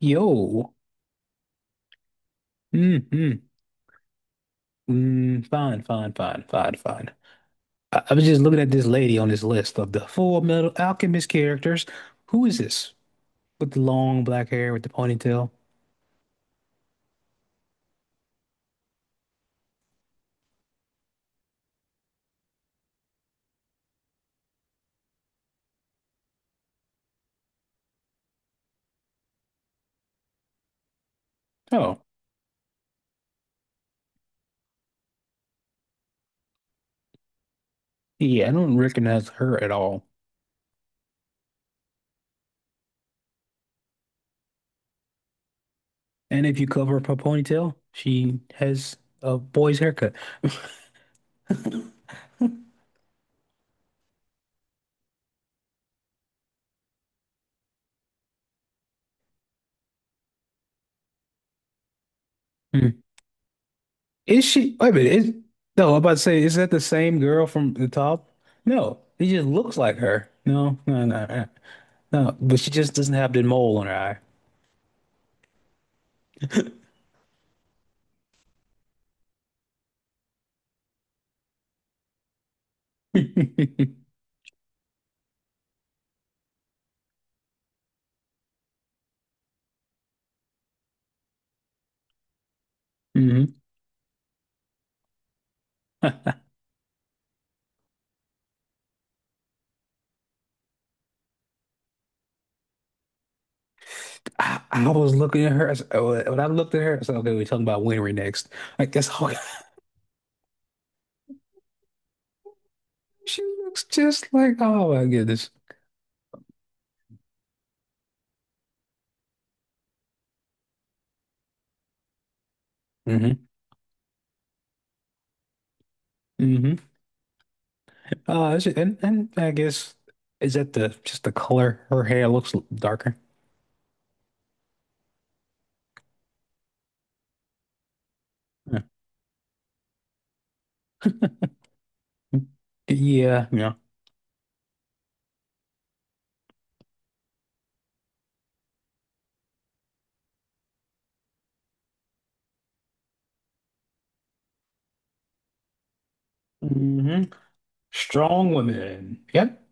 Yo. Mm-hmm. Mm, mm, fine, fine, fine, fine, fine. I was just looking at this lady on this list of the Full Metal Alchemist characters. Who is this? With the long black hair with the ponytail? Oh, yeah, I don't recognize her at all. And if you cover up her ponytail, she has a boy's haircut. Hmm. Is she? Wait a minute. No, I'm about to say, is that the same girl from the top? No, it just looks like her. No, no, no, no. No, but she just doesn't have the mole on her eye. Hmm. I, I was looking at her. I said- When I looked at her, I said, "Okay, we're talking about Winry next." Like that's all. She looks just like. Oh my goodness. Hmm. Hmm. Is and I guess is that the just the color? Her hair looks darker. Yeah. Yeah. Yeah. Hmm. Strong women. Yep.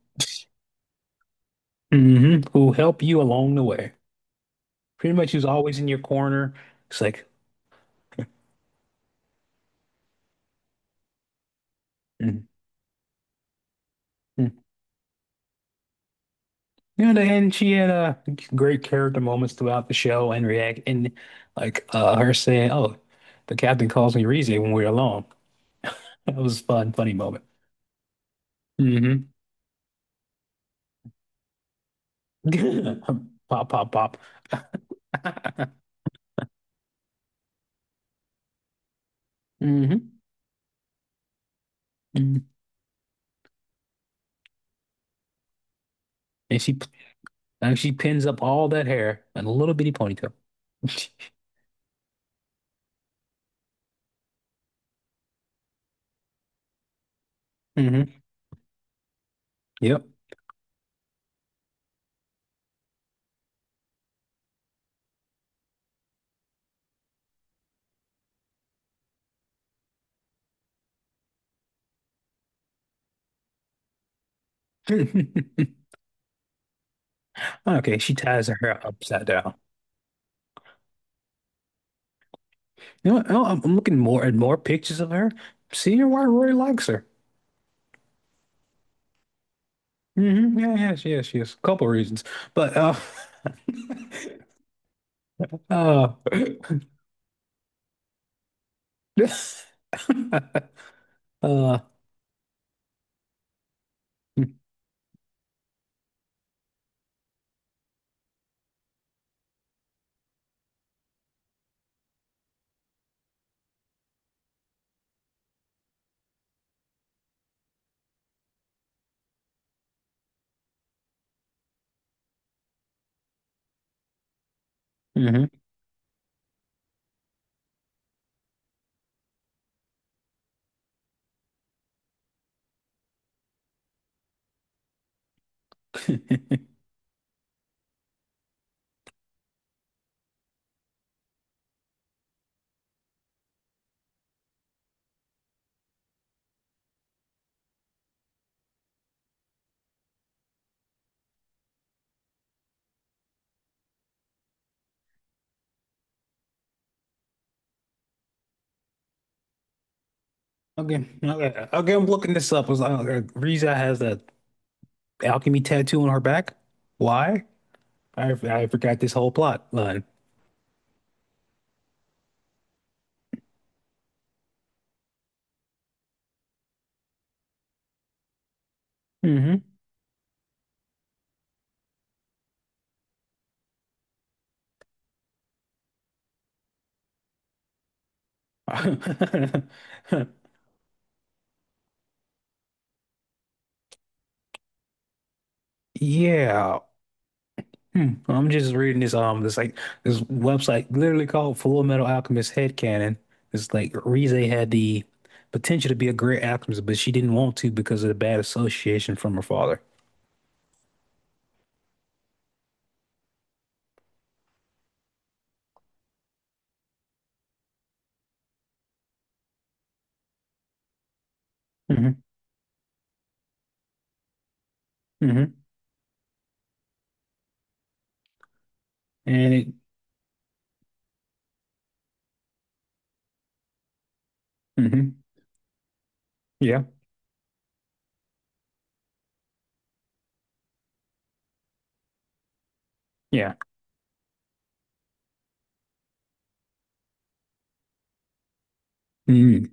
Hmm. Who help you along the way. Pretty much, who's always in your corner. It's like. Mhm. You know, and she had great character moments throughout the show and react and her saying, "Oh, the captain calls me Rize when we're alone." That was a funny moment. Hmm. Pop, pop, pop. Hmm. And she and she pins up all that hair in a little bitty ponytail. Hmm. Yep. Okay, she ties her hair upside down. You know, what? Oh, I'm looking more at more pictures of her. Seeing why Rory likes her. Hmm. Yeah, yes, yes, yes. Couple reasons, but uh, uh, mhm. Okay, okay, okay. I'm looking this up. It's like, Riza has that alchemy tattoo on her back. Why? I forgot this whole plot line. Hmm. Yeah. Hmm. Well, I'm just reading this website literally called Full Metal Alchemist Headcanon. It's like Rize had the potential to be a great alchemist, but she didn't want to because of the bad association from her father. Hmm. Hmm. And it Hmm, yeah. Yeah. Mm.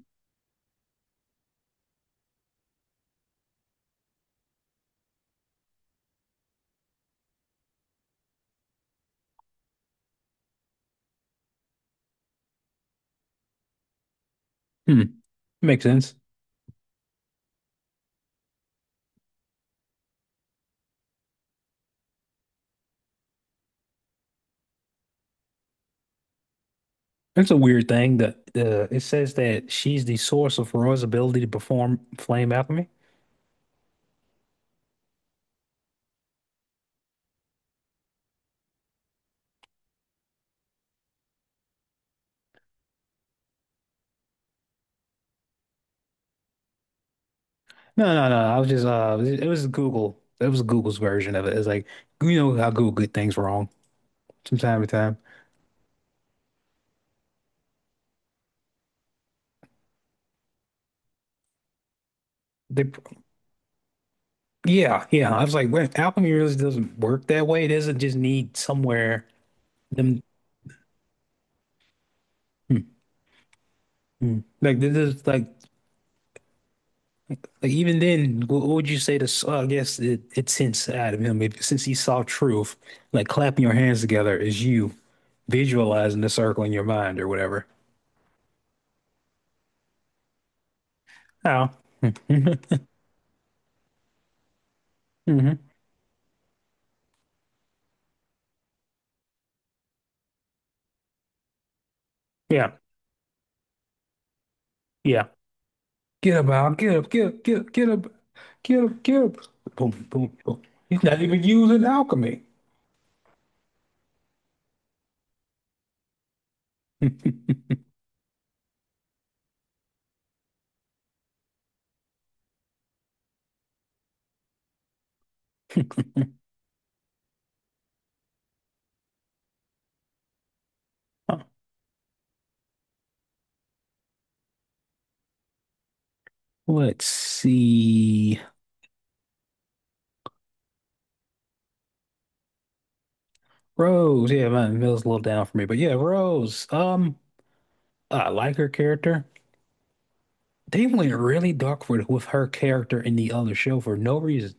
Mm. Makes sense. It's a weird thing that the it says that she's the source of Roy's ability to perform flame alchemy. No, no, no. I was just it was Google. It was Google's version of it. It's like you know how Google get things wrong from time to time. They, yeah, yeah. I was like, well, alchemy really doesn't work that way. It doesn't just need somewhere them. Hmm. Hmm. like this is like even then, what would you say to? S- I guess it's inside of him. If, since he saw truth, like clapping your hands together is you visualizing the circle in your mind or whatever. Oh, hmm. Hmm. Yeah, yeah. Get up, Al. Get up, get up, get up, get up, get up, get up. Boom, boom, boom. He's not even using alchemy. Huh. Let's see. Rose, yeah, man, Mill's a little down for me, but yeah, Rose. I like her character. They went really dark with her character in the other show for no reason.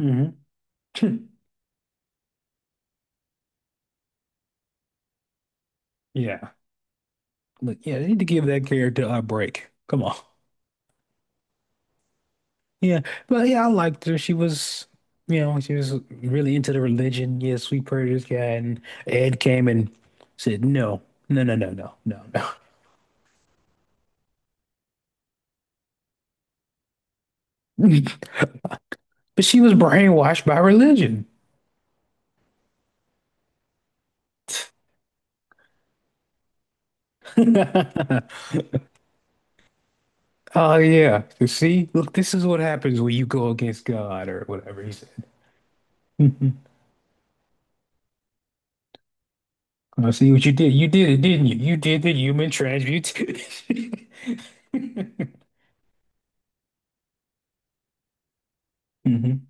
Mm-hmm. Yeah, but yeah, they need to give that character a break. Come on. Yeah, but yeah, I liked her. She was, you know, she was really into the religion. Yeah, sweet prayer this guy, and Ed came and said, "No, no, no, no, no, no, no." But she was brainwashed by religion. Oh yeah. You see, look, this is what happens when you go against God or whatever he said. Mhm. I see what you did. You did it, didn't you? You did the human transmutation. Hmm.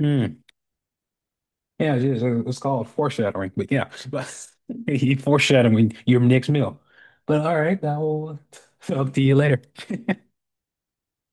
Mm. Yeah, it's, it's called foreshadowing. But yeah, but he foreshadowing your next meal. But all right, I will talk to you later.